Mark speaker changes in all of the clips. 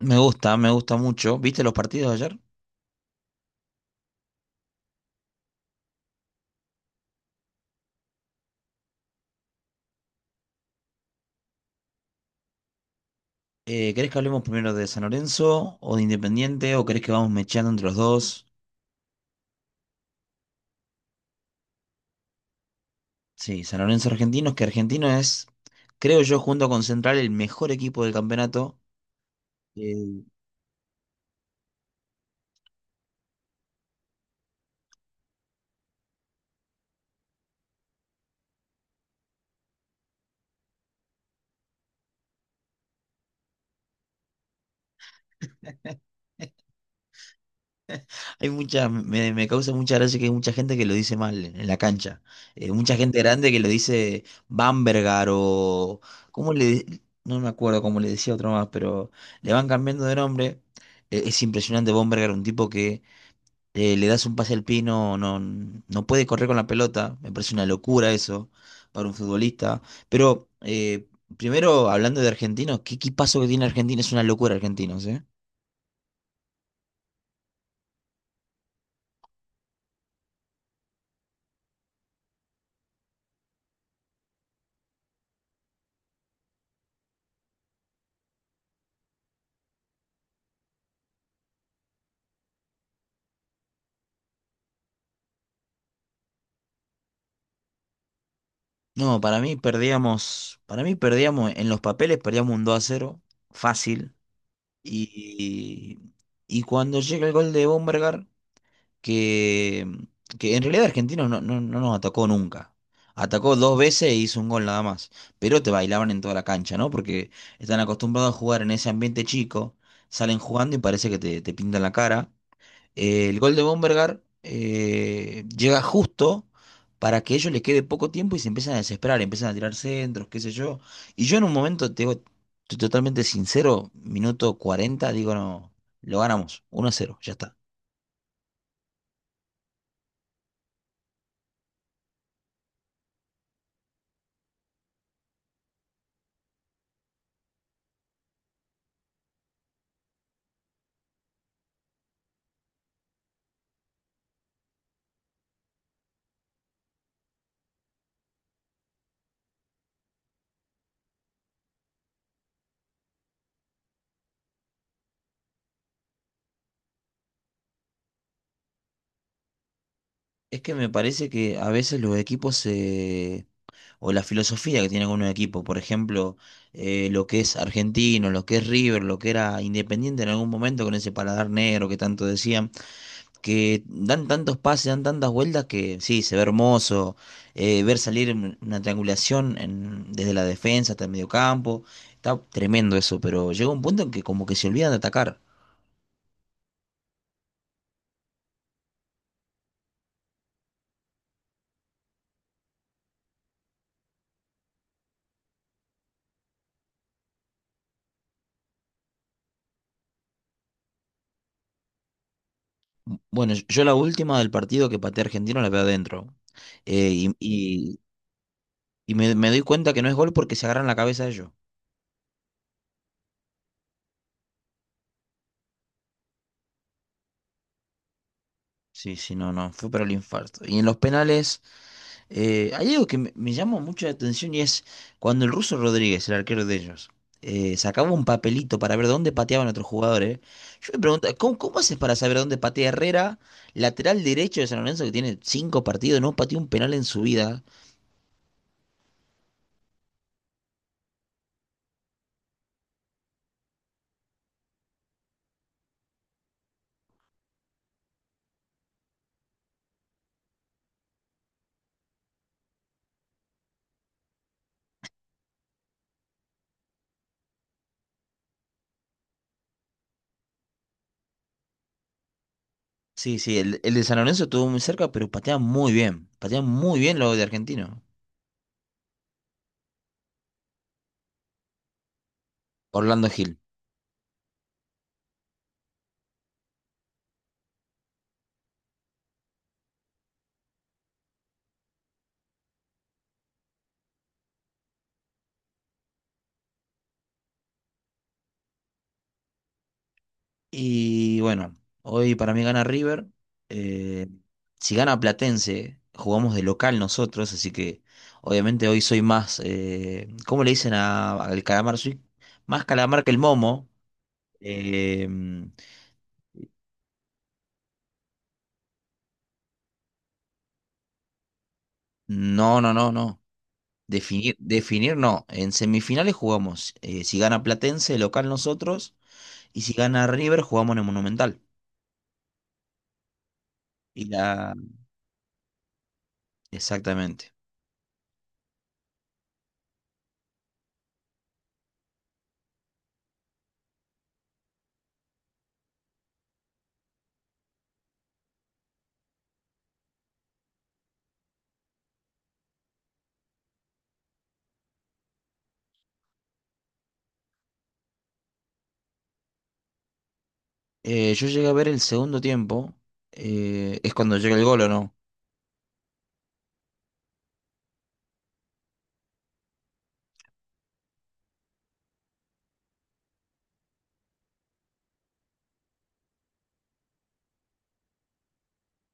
Speaker 1: Me gusta mucho. ¿Viste los partidos de ayer? ¿Querés que hablemos primero de San Lorenzo o de Independiente o querés que vamos mecheando entre los dos? Sí, San Lorenzo Argentinos, que Argentino es, creo yo, junto con Central, el mejor equipo del campeonato. Eh, Hay mucha, me causa mucha gracia que hay mucha gente que lo dice mal en la cancha. Mucha gente grande que lo dice Bambergar o... ¿Cómo le...? No me acuerdo cómo le decía otro más, pero le van cambiando de nombre. Es impresionante Bambergar, un tipo que le das un pase al pie, y no, no, no puede correr con la pelota. Me parece una locura eso para un futbolista. Pero primero, hablando de argentinos, ¿qué equipazo que tiene Argentina? Es una locura argentinos, ¿eh? No, para mí perdíamos en los papeles, perdíamos un 2 a cero fácil. Y, y cuando llega el gol de Bombergar que, que en realidad Argentinos no, no, no nos atacó nunca. Atacó dos veces e hizo un gol nada más. Pero te bailaban en toda la cancha, ¿no? Porque están acostumbrados a jugar en ese ambiente chico. Salen jugando y parece que te pintan la cara. El gol de Bombergar llega justo para que ellos les quede poco tiempo y se empiezan a desesperar, empiezan a tirar centros, qué sé yo. Y yo en un momento, te digo, estoy totalmente sincero, minuto 40 digo, no, lo ganamos, uno a cero ya está. Es que me parece que a veces los equipos se... o la filosofía que tiene algunos equipos, por ejemplo, lo que es Argentino, lo que es River, lo que era Independiente en algún momento con ese paladar negro que tanto decían, que dan tantos pases, dan tantas vueltas que sí, se ve hermoso, ver salir una triangulación desde la defensa hasta el mediocampo, está tremendo eso, pero llega un punto en que como que se olvidan de atacar. Bueno, yo la última del partido que pateé a Argentino la veo adentro. Eh, y, Y me, me doy cuenta que no es gol porque se agarran la cabeza ellos. Sí, sí, no, no, fue para el infarto. Y en los penales, hay algo que me llamó mucho la atención y es cuando el ruso Rodríguez, el arquero de ellos, sacaba un papelito para ver dónde pateaban otros jugadores. Yo me pregunto, ¿cómo, cómo haces para saber dónde patea Herrera, lateral derecho de San Lorenzo que tiene cinco partidos, no pateó un penal en su vida? Sí, sí, el de San Lorenzo estuvo muy cerca, pero patea muy bien. Patea muy bien lo de argentino. Orlando Gil. Y bueno, hoy para mí gana River. Eh, si gana Platense, jugamos de local nosotros, así que obviamente hoy soy más, ¿cómo le dicen al calamar? Soy más calamar que el momo. Eh, no, no, no, no. Definir, definir no. En semifinales jugamos. Si gana Platense, local nosotros. Y si gana River, jugamos en el Monumental. Y la... Exactamente. Yo llegué a ver el segundo tiempo. ¿Es cuando llega el gol o no?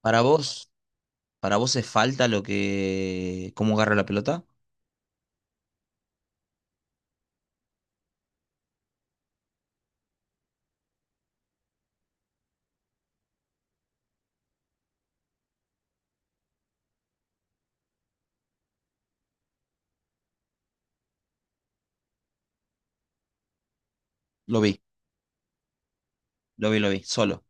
Speaker 1: Para vos, para vos es falta lo que, cómo agarra la pelota. Lo vi. Lo vi, lo vi, solo.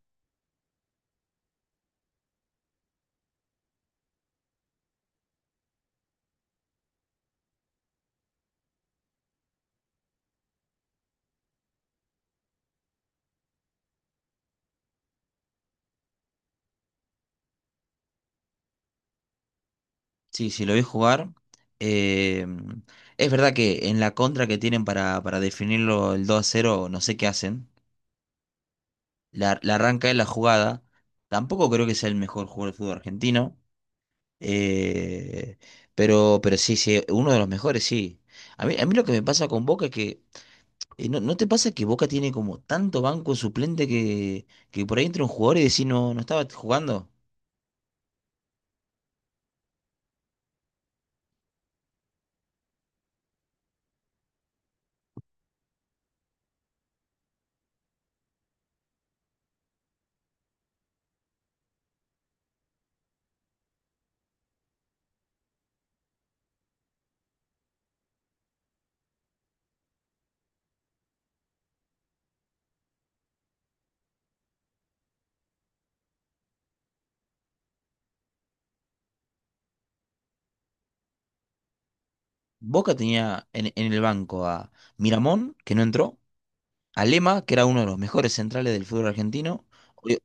Speaker 1: Sí, sí, lo vi jugar. Eh, es verdad que en la contra que tienen para definirlo el 2 a cero, no sé qué hacen. La arranca de la jugada. Tampoco creo que sea el mejor jugador del fútbol argentino. Eh, pero sí, sí, uno de los mejores, sí. A mí lo que me pasa con Boca es que ¿no, no te pasa que Boca tiene como tanto banco suplente que por ahí entra un jugador y decís no, no estaba jugando? Boca tenía en el banco a Miramón, que no entró, a Lema, que era uno de los mejores centrales del fútbol argentino, hoy,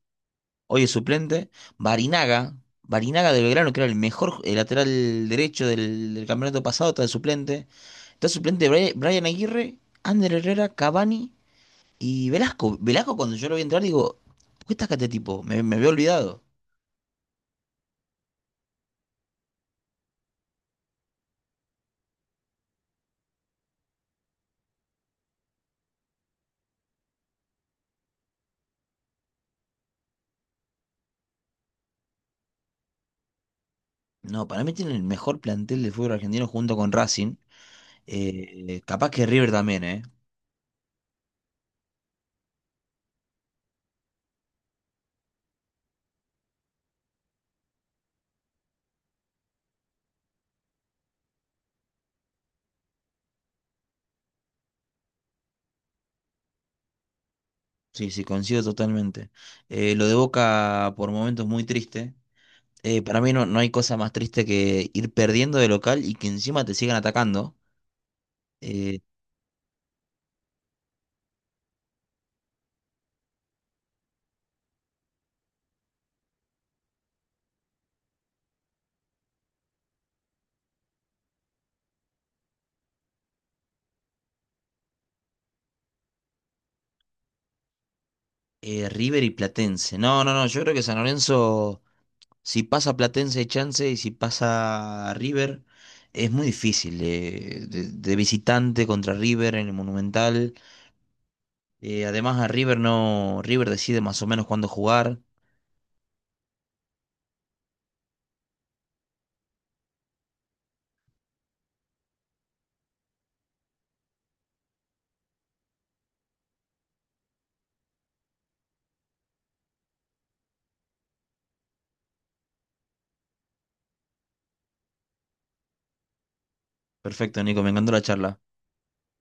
Speaker 1: hoy es suplente, Barinaga, Barinaga de Belgrano, que era el mejor lateral derecho del, del campeonato pasado, está de suplente, está suplente Brian Aguirre, Ander Herrera, Cavani y Velasco. Velasco cuando yo lo vi entrar digo, ¿por qué está acá este tipo? Me había olvidado. No, para mí tiene el mejor plantel de fútbol argentino junto con Racing. Capaz que River también, ¿eh? Sí, sí, coincido totalmente. Lo de Boca por momentos muy triste. Para mí no, no hay cosa más triste que ir perdiendo de local y que encima te sigan atacando. Eh, River y Platense. No, no, no, yo creo que San Lorenzo, si pasa Platense hay chance y si pasa River, es muy difícil. De visitante contra River en el Monumental. Además a River no, River decide más o menos cuándo jugar. Perfecto, Nico, me encantó la charla.